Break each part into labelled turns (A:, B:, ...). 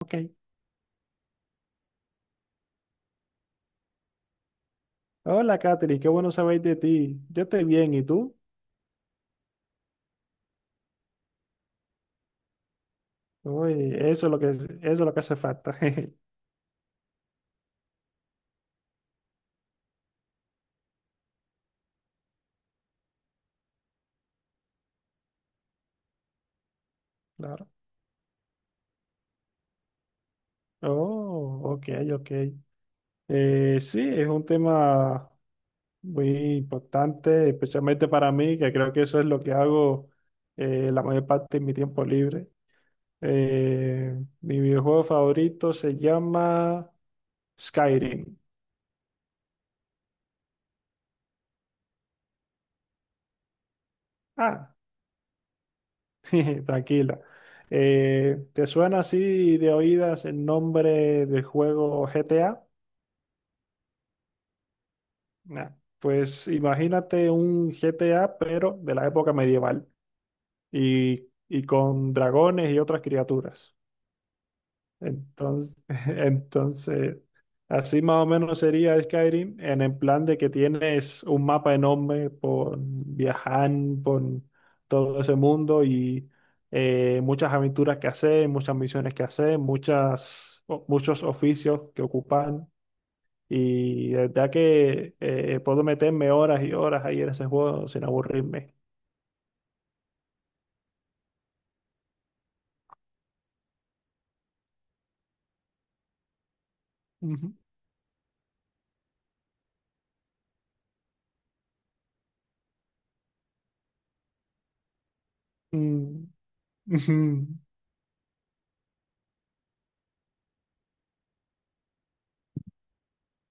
A: Ok. Hola, Katherine, qué bueno saber de ti. Yo estoy bien, ¿y tú? Uy, eso es lo que hace falta. Claro. Oh, ok, ok. Sí, es un tema muy importante, especialmente para mí, que creo que eso es lo que hago la mayor parte de mi tiempo libre. Eh, Mi videojuego favorito se llama Skyrim. Ah, Tranquila. ¿Te suena así de oídas el nombre del juego GTA? Nah. Pues imagínate un GTA, pero de la época medieval, y, con dragones y otras criaturas. Entonces, entonces, así más o menos sería Skyrim en el plan de que tienes un mapa enorme por viajar por todo ese mundo y muchas aventuras que hacer, muchas misiones que hacer, muchos oficios que ocupar. Y de verdad que puedo meterme horas y horas ahí en ese juego sin aburrirme. Ujú. Mm.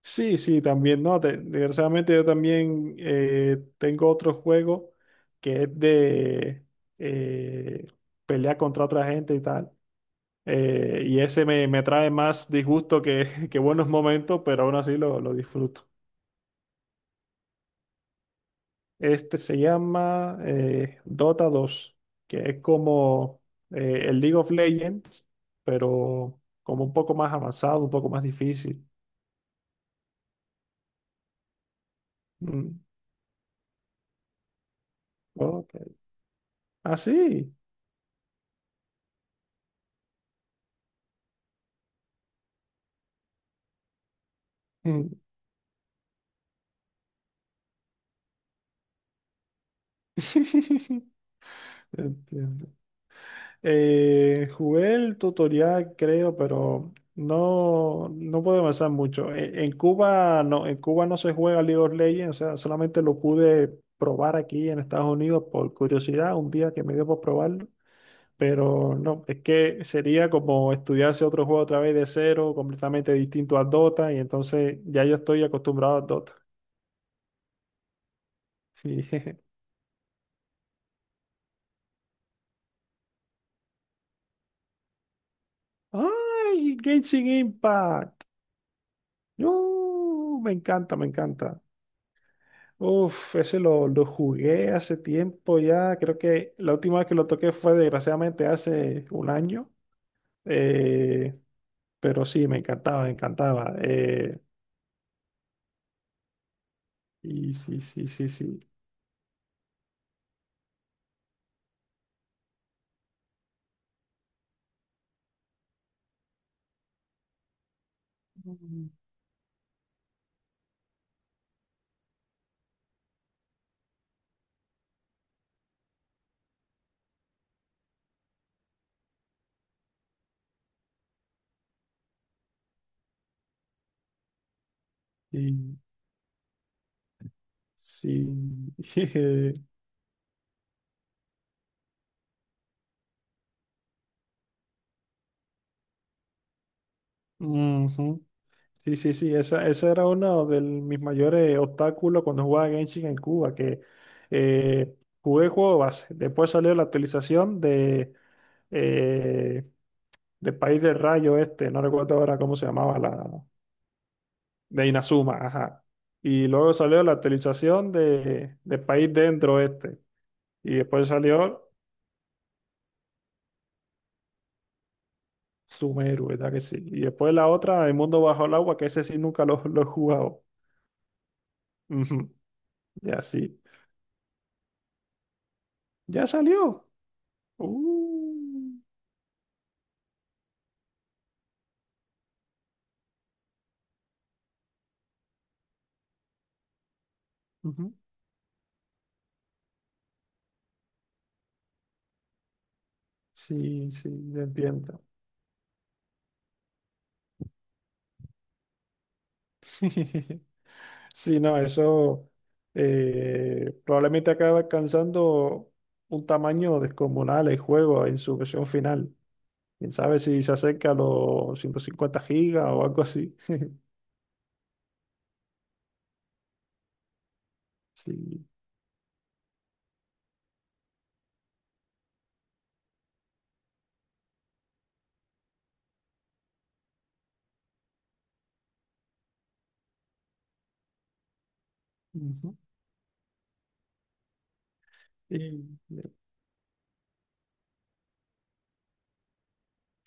A: Sí, sí, también. No, desgraciadamente yo también tengo otro juego que es de eh, pelear contra otra gente y tal. Y ese me trae más disgusto que, que buenos momentos, pero aún así lo disfruto. Este se llama Dota dos, que es como el League of Legends, pero como un poco más avanzado, un poco más difícil. Mm, ok. Ah, sí. Entiendo. Jugué el tutorial, creo, pero no, no pude avanzar mucho. En Cuba no, en Cuba no se juega League of Legends, o sea, solamente lo pude probar aquí en Estados Unidos por curiosidad, un día que me dio por probarlo. Pero no, es que sería como estudiarse otro juego otra vez de cero, completamente distinto a Dota, y entonces ya yo estoy acostumbrado a Dota. Sí. ¡Ay, Genshin Impact! ¡Uh, me encanta, me encanta! Uf, ese lo jugué hace tiempo ya. Creo que la última vez que lo toqué fue desgraciadamente hace un año. Eh, pero sí, me encantaba, me encantaba. Y sí, sí, sí, sí. Y sí. Ujú. Sí, sí, sí. Ese era uno de mis mayores obstáculos cuando jugaba Genshin en Cuba, que eh, jugué el juego base. Después salió la actualización eh, de País del Rayo este, no recuerdo ahora cómo se llamaba la, de Inazuma, ajá. Y luego salió la actualización de País Dentro este, y después salió Sumeru, ¿verdad que sí? Y después la otra, El Mundo Bajo el Agua, que ese sí nunca lo he jugado. Ujú. Ya sí, ya salió. Uh, ujú. Sí, sí, ya entiendo. Sí, no, eso probablemente acaba alcanzando un tamaño descomunal el juego en su versión final. Quién sabe si se acerca a los 150 gigas o algo así. Sí. Ujú. Y-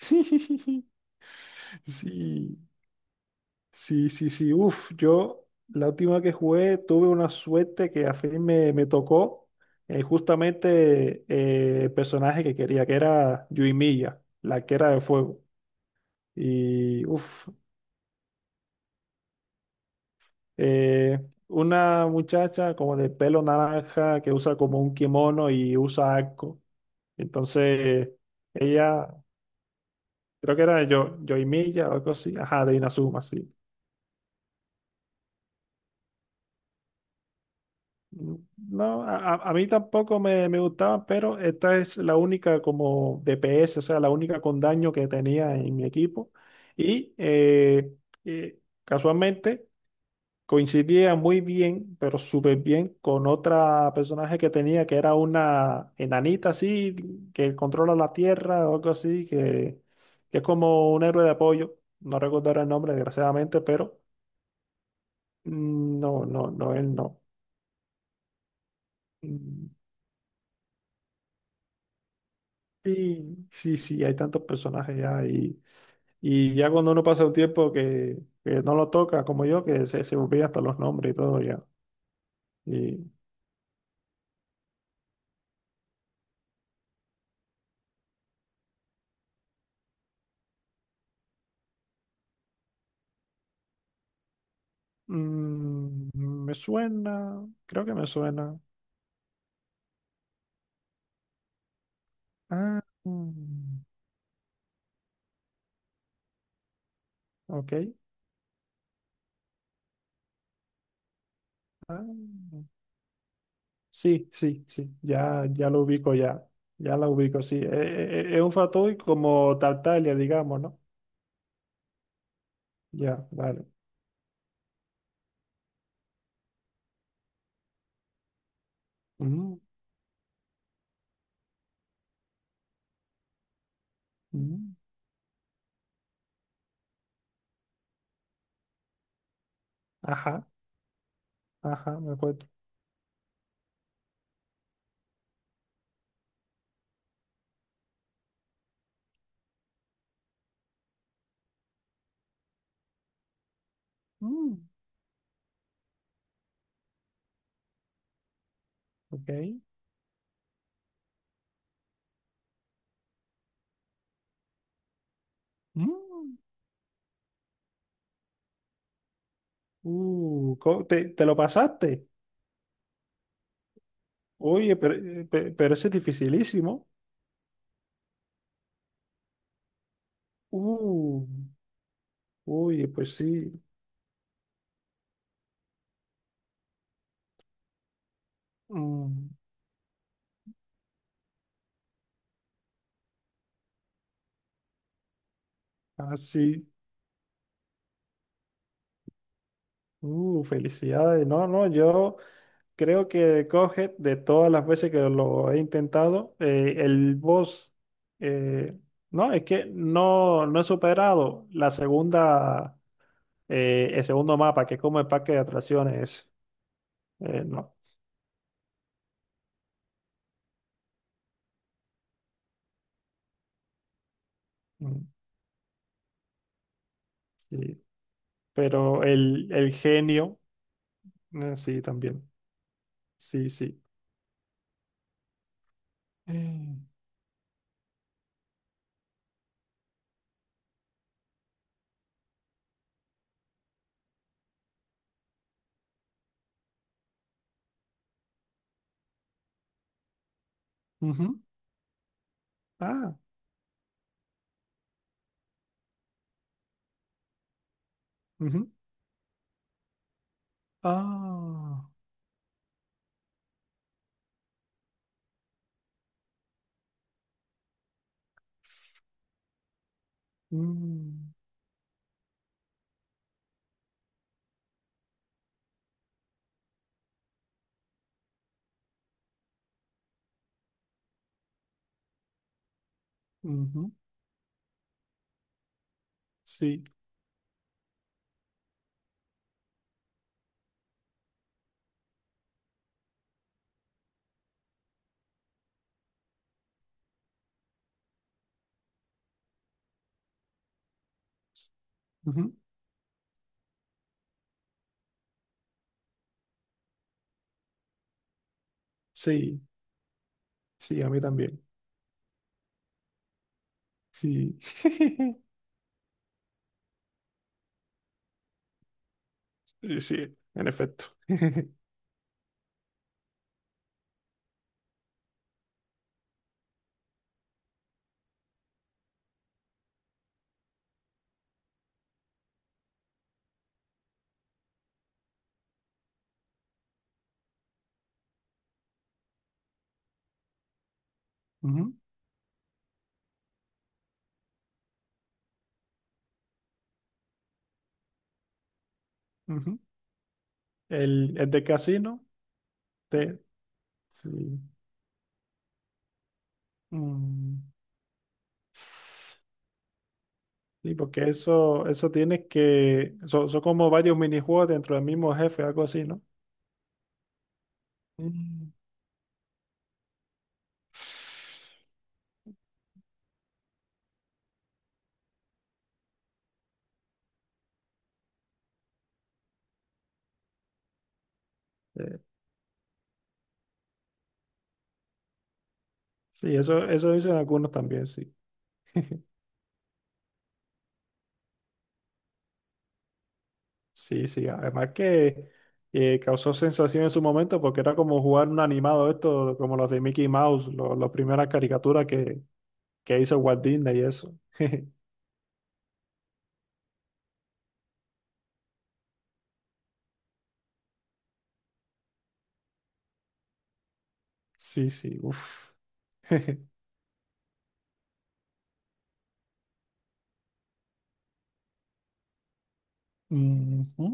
A: Sí, sí, sí, sí. Uf, yo la última que jugué tuve una suerte que a fin me tocó justamente el personaje que quería, que era Yuimiya, la que era de fuego. Y uff, una muchacha como de pelo naranja que usa como un kimono y usa arco. Entonces, ella, creo que era de yo, Yoimiya o algo así, ajá, de Inazuma, sí. No, a mí tampoco me gustaba, pero esta es la única como DPS, o sea, la única con daño que tenía en mi equipo. Y eh, casualmente coincidía muy bien, pero súper bien con otra personaje que tenía, que era una enanita así, que controla la tierra o algo así, que es como un héroe de apoyo. No recuerdo ahora el nombre, desgraciadamente, pero mm, no, él no. Mm. Y sí, sí, hay tantos personajes ya, y ya cuando uno pasa un tiempo que no lo toca, como yo, que se olvida hasta los nombres y todo ya. Y mm, me suena, creo que me suena. Ah, mm, ok. Ah, sí, sí, sí. Ya, ya lo ubico, ya. Ya la ubico, sí. Es un fatui como Tartaglia, digamos, ¿no? Ya, vale. Mm, mm, ajá, ajá, me acuerdo. Mm, ok. Mm, te lo pasaste. Oye, pero, pero ese es dificilísimo. Uh, oye, pues sí. Mm, ah, sí. Felicidades. No, no, yo. Creo que de Cuphead, de todas las veces que lo he intentado, el boss, eh, no, es que no, no he superado la segunda, el segundo mapa, que es como el parque de atracciones. No. Mm, sí. Pero el genio, sí, también. Sí, sí. Mm. Ujú. Ah, ujú. Ah, mm, ujú. Sí, ujú. Sí, sí, a mí también. Sí. Sí, sí, en efecto. Ujú, ujú. El de casino, te, sí. Mm. Sí, porque eso tienes que, son, son como varios minijuegos dentro del mismo jefe, algo así, ¿no? Mm. Eh, sí, eso dicen algunos también, sí. Sí, sí. Además que causó sensación en su momento porque era como jugar un animado esto, como los de Mickey Mouse, las primeras caricaturas que hizo Walt Disney y eso. Sí, sí, uff. Ujú.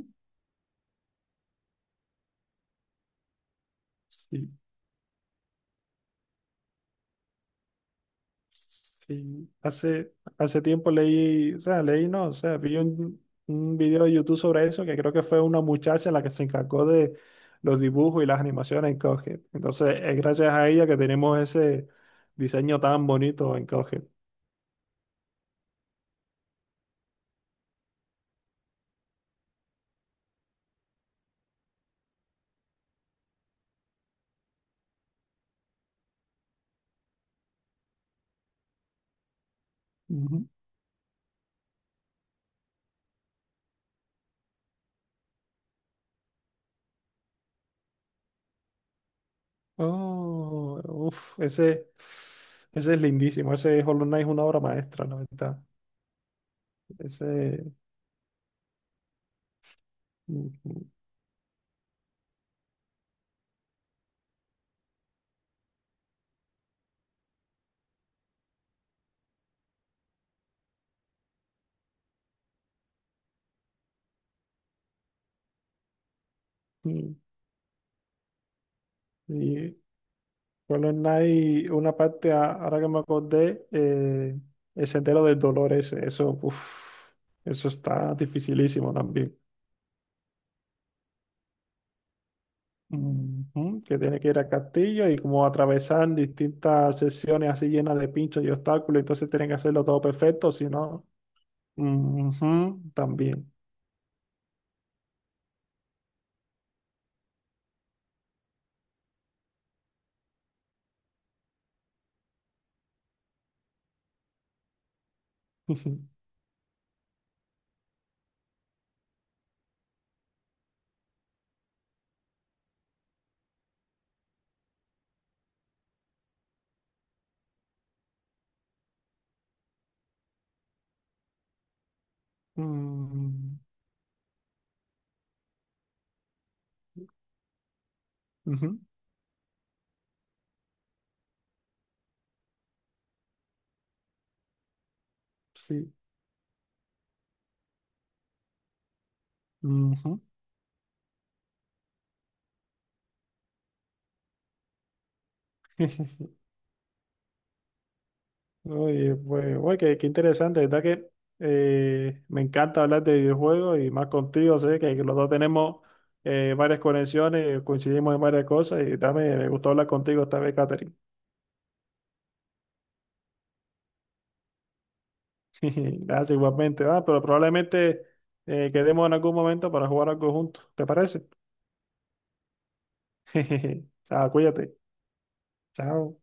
A: Sí, sí. Hace, hace tiempo leí, o sea, leí, no, o sea, vi un video de YouTube sobre eso que creo que fue una muchacha la que se encargó de los dibujos y las animaciones en Cuphead. Entonces, es gracias a ella que tenemos ese diseño tan bonito en Cuphead. Ujú. Oh, uff, ese es lindísimo. Ese Hollow Knight es una obra maestra, la verdad. Ese. Ujú. Y, Hollow Knight, una parte, ahora que me acordé, el sendero del dolor ese, eso, uf, eso está dificilísimo también. Ujú. Que tiene que ir al castillo y como atravesar distintas sesiones así llenas de pinchos y obstáculos, entonces tienen que hacerlo todo perfecto, si no, ujú, también. Mm, ujú, sí. Ujú. Oye, pues, oye, qué, qué interesante, ¿verdad? Que me encanta hablar de videojuegos y más contigo, sé que los dos tenemos varias conexiones, coincidimos en varias cosas y también me gustó hablar contigo esta vez, Catherine. Gracias igualmente, ah, pero probablemente quedemos en algún momento para jugar algo juntos, ¿te parece? Chao, cuídate. Chao.